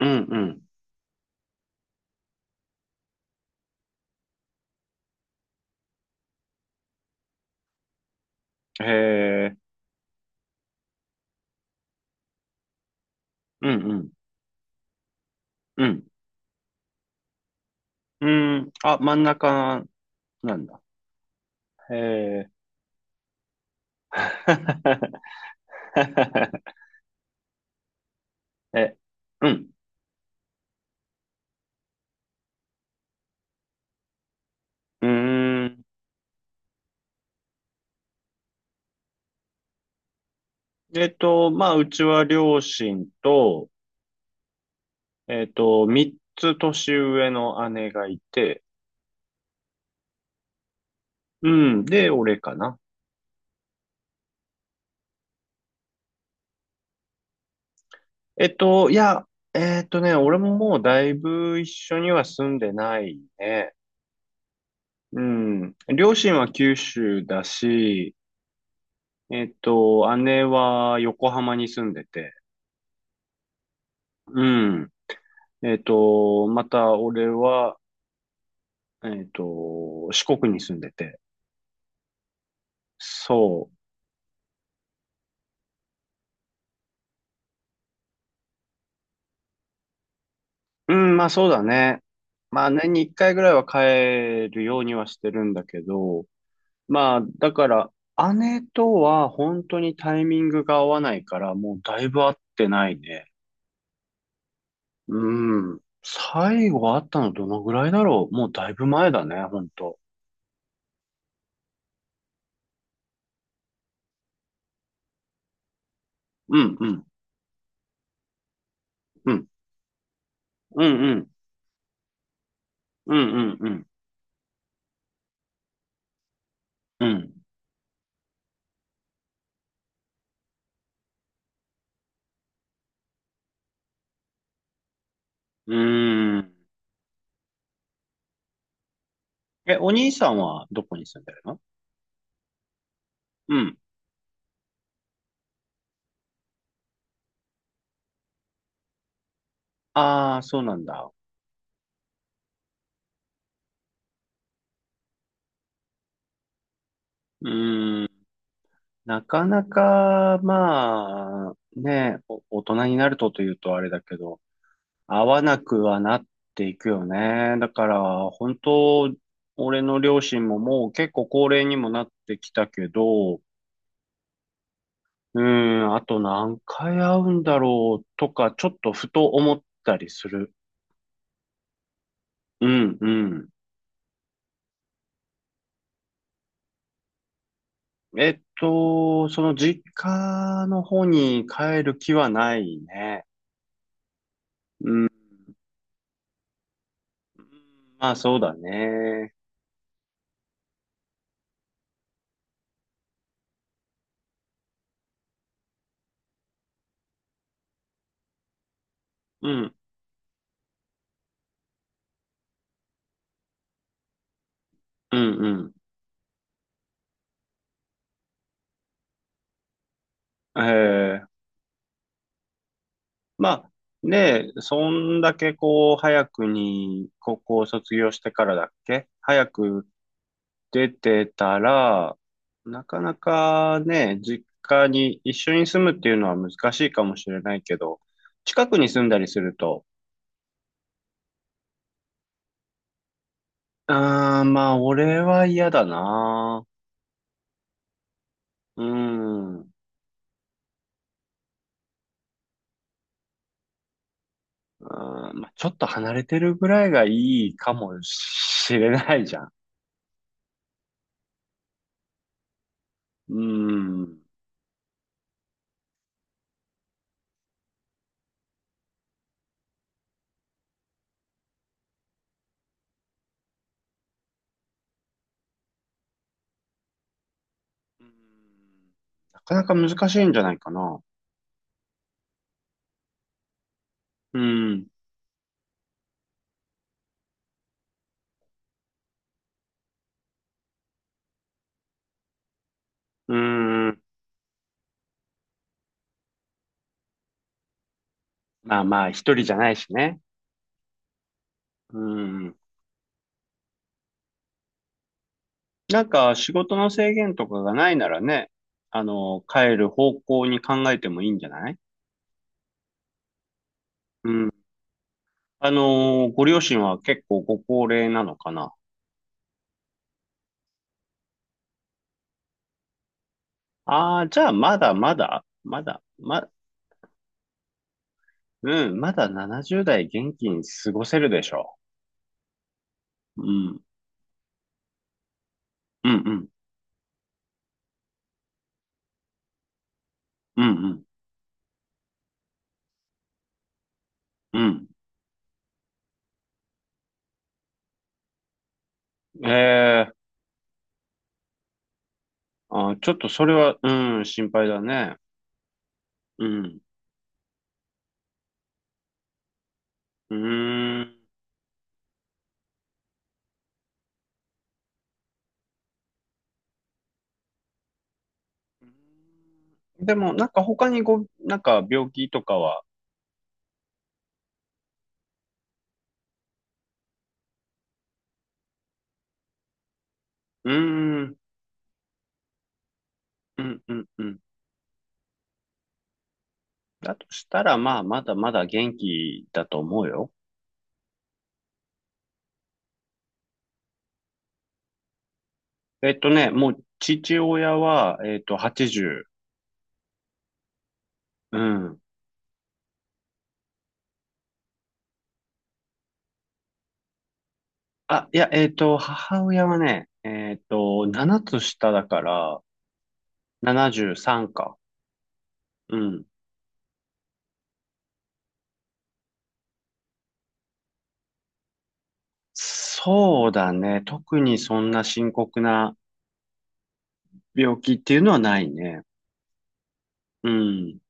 うんうん。へえ。うんうん。うん。うん。あ、真ん中なんだ。へえ。え、うん。うーん。まあ、うちは両親と、3つ年上の姉がいて、うん。で、俺かな。いや、えっとね、俺ももうだいぶ一緒には住んでないね。うん。両親は九州だし、姉は横浜に住んでて、うん。また俺は、四国に住んでて、そう。うん、まあそうだね。まあ年に一回ぐらいは帰るようにはしてるんだけど、まあだから、姉とは本当にタイミングが合わないから、もうだいぶ会ってないね。うん。最後会ったのどのぐらいだろう、もうだいぶ前だね、本当。うん、うん、うん。うん、うん。うんうんうん。うん。うーん。え、お兄さんはどこに住んでるの？うん。ああ、そうなんだ。うーん。なかなか、まあ、ね、お大人になるとというとあれだけど、合わなくはなっていくよね。だから、本当、俺の両親ももう結構高齢にもなってきたけど、うーん、あと何回会うんだろうとか、ちょっとふと思ったりする。うん、うん。その実家の方に帰る気はないね。うん。まあそうだね。うん、うん、うん。ええ、まあ、ねえ、そんだけこう、早くに高校を卒業してからだっけ、早く出てたら、なかなかね、実家に一緒に住むっていうのは難しいかもしれないけど、近くに住んだりすると、ああ、まあ俺は嫌だな。うーん。うーん、まあ、ちょっと離れてるぐらいがいいかもしれないじゃん。うーん。うーん、なかなか難しいんじゃないかな。うん。うん。まあまあ、1人じゃないしね。うん。なんか、仕事の制限とかがないならね、あの、帰る方向に考えてもいいんじゃない？うん。あの、ご両親は結構ご高齢なのかな。ああー、じゃあ、まだまだ、まだ、ま、うん、まだ70代元気に過ごせるでしょう？うん、うん、うん、うん、うん、うん。ええ、あ、ちょっとそれは、うん、心配だね。うん。うーん。でも、なんか他にご、なんか病気とかは？うーん、うん、うん、うん。だとしたら、まあ、まだまだ元気だと思うよ。もう父親は、80。うん。あ、いや、母親はね、7つ下だから、73か。うん。そうだね。特にそんな深刻な病気っていうのはないね。うん。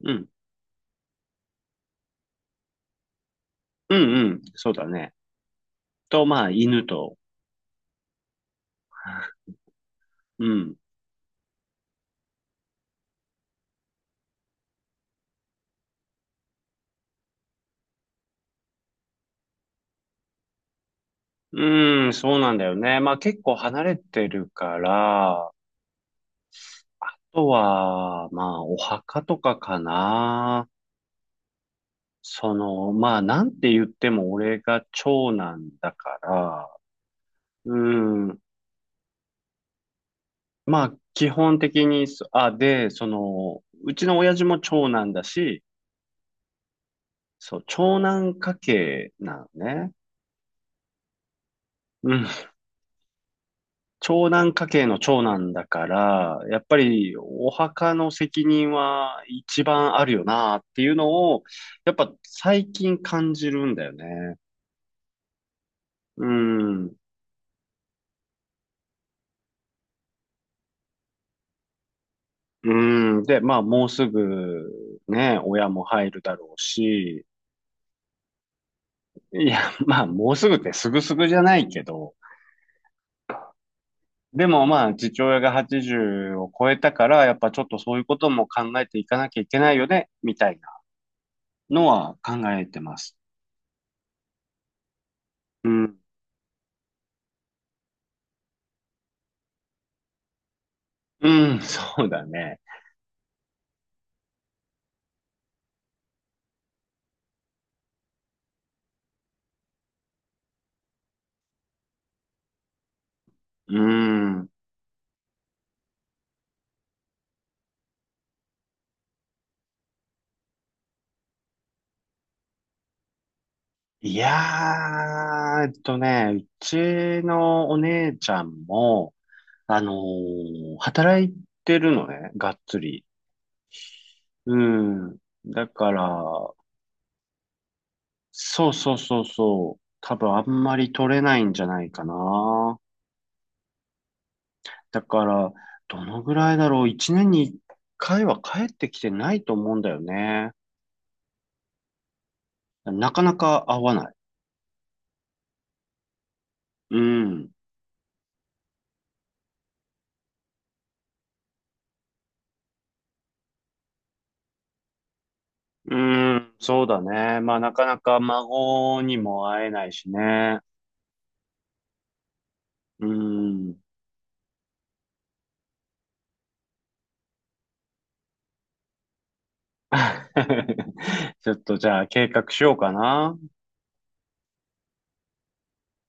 うん。うん、うん。そうだね。と、まあ、犬と。うん。うん、そうなんだよね。まあ結構離れてるから、あとは、まあお墓とかかな。その、まあなんて言っても俺が長男だから、うん。まあ、基本的にそ、あ、で、その、うちの親父も長男だし、そう、長男家系なのね。うん。長男家系の長男だから、やっぱりお墓の責任は一番あるよなっていうのを、やっぱ最近感じるんだよね。うん。うん。で、まあ、もうすぐ、ね、親も入るだろうし、いや、まあ、もうすぐってすぐすぐじゃないけど、でもまあ、父親が80を超えたから、やっぱちょっとそういうことも考えていかなきゃいけないよね、みたいなのは考えてます。うん。うん、そうだね。うん。いやー、うちのお姉ちゃんも、あのー、働いてるのね、がっつり。うん。だから、そうそうそうそう。多分あんまり取れないんじゃないかな。だから、どのぐらいだろう、1年に1回は帰ってきてないと思うんだよね。なかなか会わない。うん。うん、そうだね。まあ、なかなか孫にも会えないしね。うん。ちょっとじゃあ計画しようかな。